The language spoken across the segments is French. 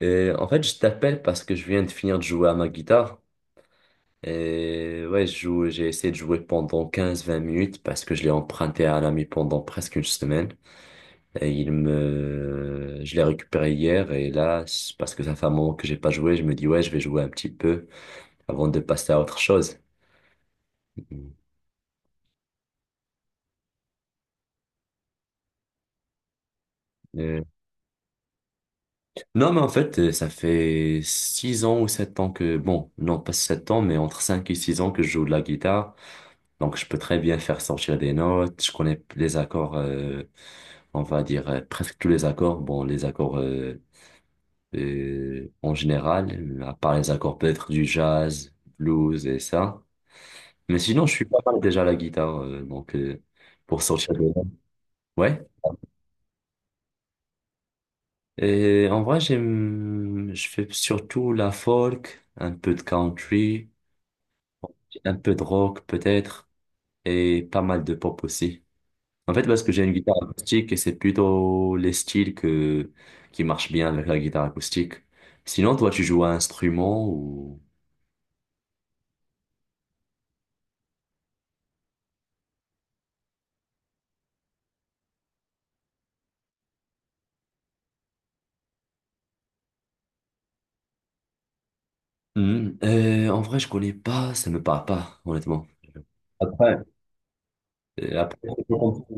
Et en fait, je t'appelle parce que je viens de finir de jouer à ma guitare. Et ouais, je joue, j'ai essayé de jouer pendant 15-20 minutes parce que je l'ai emprunté à un ami pendant presque une semaine. Et je l'ai récupéré hier et là, c'est parce que ça fait un moment que j'ai pas joué, je me dis ouais, je vais jouer un petit peu avant de passer à autre chose. Euh, Non, mais en fait, ça fait 6 ans ou 7 ans que, bon, non pas 7 ans, mais entre 5 et 6 ans que je joue de la guitare. Donc, je peux très bien faire sortir des notes. Je connais les accords, on va dire presque tous les accords. Bon, les accords en général, à part les accords peut-être du jazz, blues et ça. Mais sinon, je suis pas mal déjà à la guitare, donc, pour sortir des notes. Ouais. Et en vrai, je fais surtout la folk, un peu de country, un peu de rock peut-être, et pas mal de pop aussi. En fait, parce que j'ai une guitare acoustique et c'est plutôt qui marchent bien avec la guitare acoustique. Sinon, toi, tu joues à un instrument ou... Hmm, en vrai, je connais pas, ça me parle pas, honnêtement. Après, après, c'est pas compliqué.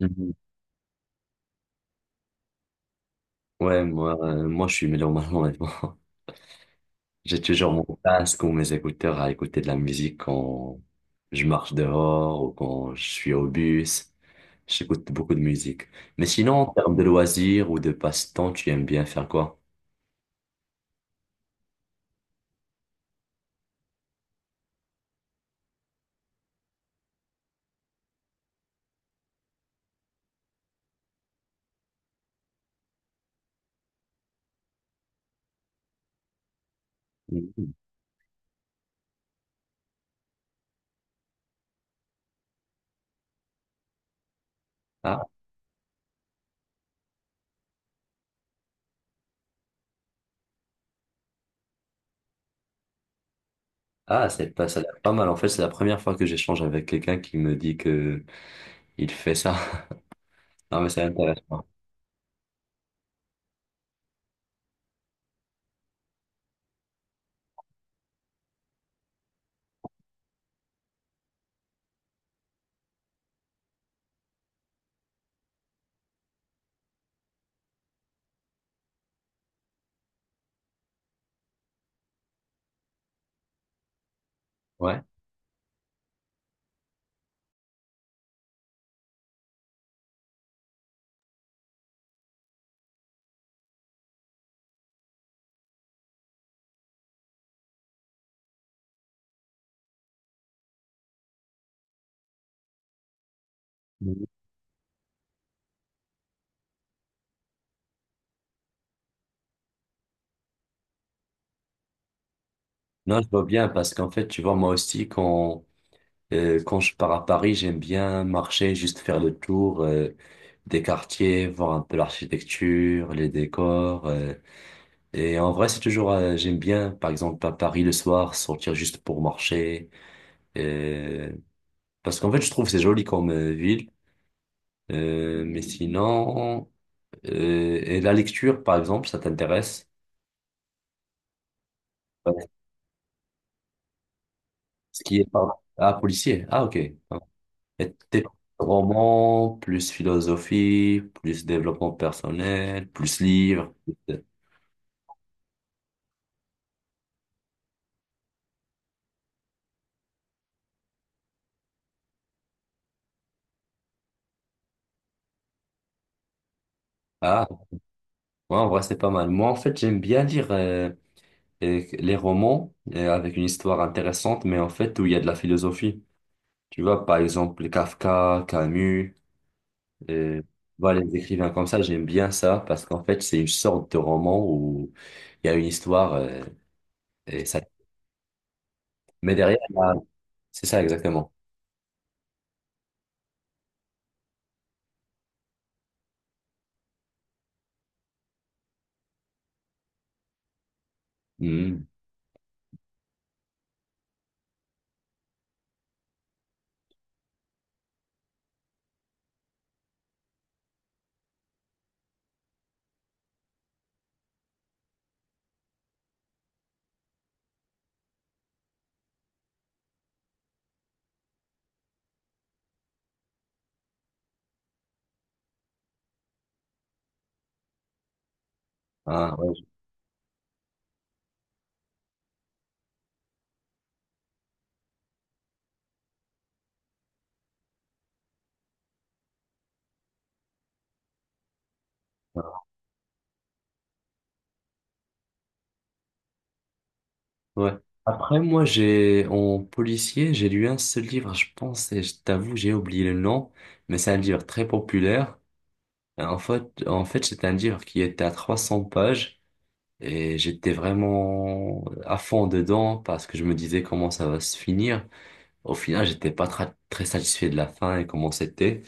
Mhm. Ouais, moi, je suis mélomane, honnêtement. J'ai toujours mon casque ou mes écouteurs à écouter de la musique quand je marche dehors ou quand je suis au bus. J'écoute beaucoup de musique. Mais sinon, en termes de loisirs ou de passe-temps, tu aimes bien faire quoi? Mhm. Ah, ah, c'est pas, ça a l'air pas mal. En fait, c'est la première fois que j'échange avec quelqu'un qui me dit que il fait ça Non, mais c'est intéressant. Ouais. Mhm. Non, je vois bien parce qu'en fait, tu vois, moi aussi, quand je pars à Paris, j'aime bien marcher, juste faire le tour, des quartiers, voir un peu l'architecture, les décors. Et en vrai, j'aime bien, par exemple, à Paris le soir, sortir juste pour marcher. Euh, Parce qu'en fait, je trouve que c'est joli comme ville. Mais sinon, et la lecture, par exemple, ça t'intéresse? Ouais. Ce qui est, pardon. Ah, policier. Ah, ok. Et tes romans, plus philosophie, plus développement personnel, plus livres. plus- Ah, ouais, en vrai, c'est pas mal. Moi, en fait, j'aime bien lire les romans avec une histoire intéressante, mais en fait, où il y a de la philosophie. Tu vois, par exemple, Kafka, Camus. Euh, voilà, les écrivains comme ça, j'aime bien ça parce qu'en fait, c'est une sorte de roman où il y a une histoire et ça. Mais derrière, là, c'est ça exactement. Mhm. Ah, ouais, je- ouais. Après, moi, j'ai en policier, j'ai lu un seul livre, je pense, et je t'avoue, j'ai oublié le nom, mais c'est un livre très populaire. En fait, c'est un livre qui était à 300 pages et j'étais vraiment à fond dedans parce que je me disais comment ça va se finir. Au final, j'étais pas tra- très satisfait de la fin et comment c'était.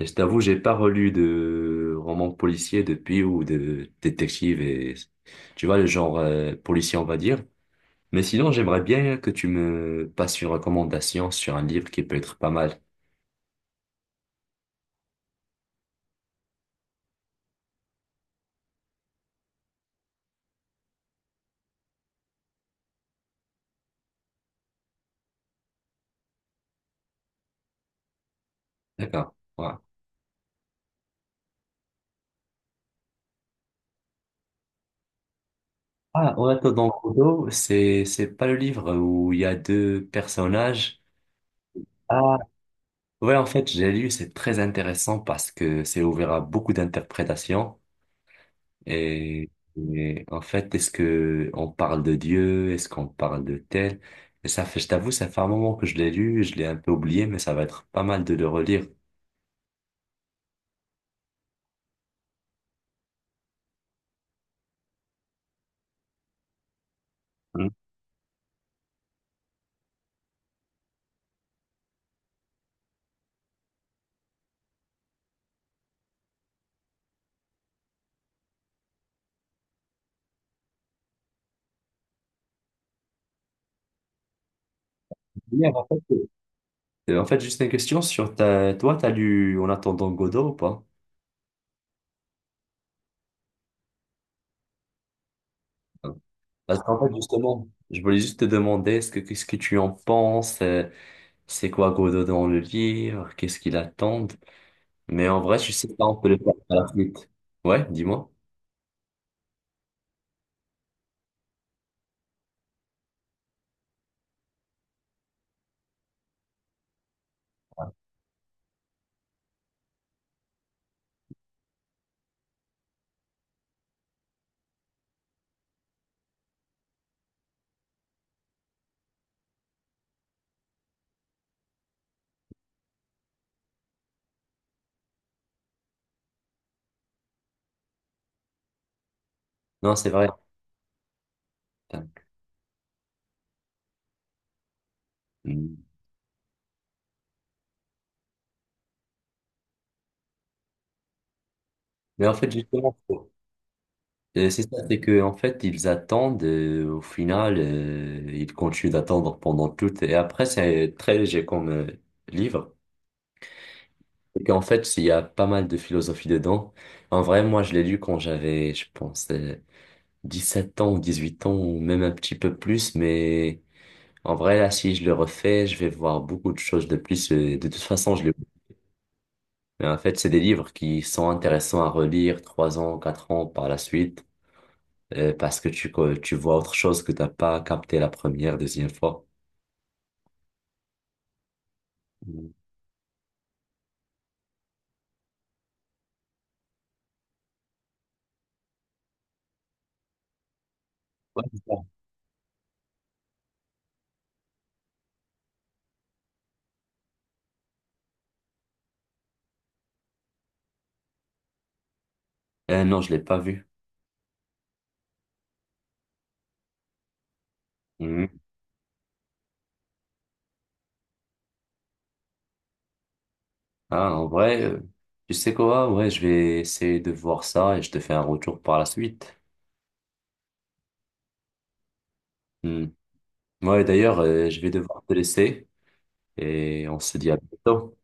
Et je t'avoue, j'ai pas relu de roman policier depuis ou de détective et tu vois le genre policier, on va dire. Mais sinon, j'aimerais bien que tu me passes une recommandation sur un livre qui peut être pas mal. D'accord. Voilà. Ah, on attend dans Kudo, c'est pas le livre où il y a deux personnages. Ah, ouais, en fait, j'ai lu, c'est très intéressant parce que c'est ouvert à beaucoup d'interprétations. Et, et en fait, est-ce que on parle de Dieu? Est-ce qu'on parle de tel? Et ça fait, je t'avoue, ça fait un moment que je l'ai lu, je l'ai un peu oublié, mais ça va être pas mal de le relire. Mm. Hier, en fait, juste une question sur toi, t'as lu En attendant Godot ou pas? Non. Parce qu'en fait, justement, je voulais juste te demander, qu'est-ce que tu en penses? C'est quoi Godot dans le livre? Qu'est-ce qu'il attend? Mais en vrai, je sais pas, on peut le faire à la suite. Ouais, dis-moi. Non, c'est vrai. Putain. Mais en fait, justement, c'est ça, en fait, ils attendent, au final, ils continuent d'attendre pendant tout, et après, c'est très léger comme livre. Et qu'en fait, il y a pas mal de philosophie dedans. En vrai, moi, je l'ai lu quand j'avais, je pense, 7 ans ou 18 ans, ou même un petit peu plus, mais en vrai, là, si je le refais, je vais voir beaucoup de choses de plus. De toute façon, je le... Mais en fait, c'est des livres qui sont intéressants à relire 3 ans, 4 ans par la suite. Parce que tu vois autre chose que t'as pas capté la première, deuxième fois. Mm. Ouais, c'est ça. Non, je l'ai pas vu. Mhm. Ah, en vrai, tu sais quoi? Ouais, je vais essayer de voir ça et je te fais un retour par la suite. Mhm. Ouais, d'ailleurs, je vais devoir te laisser et on se dit à bientôt.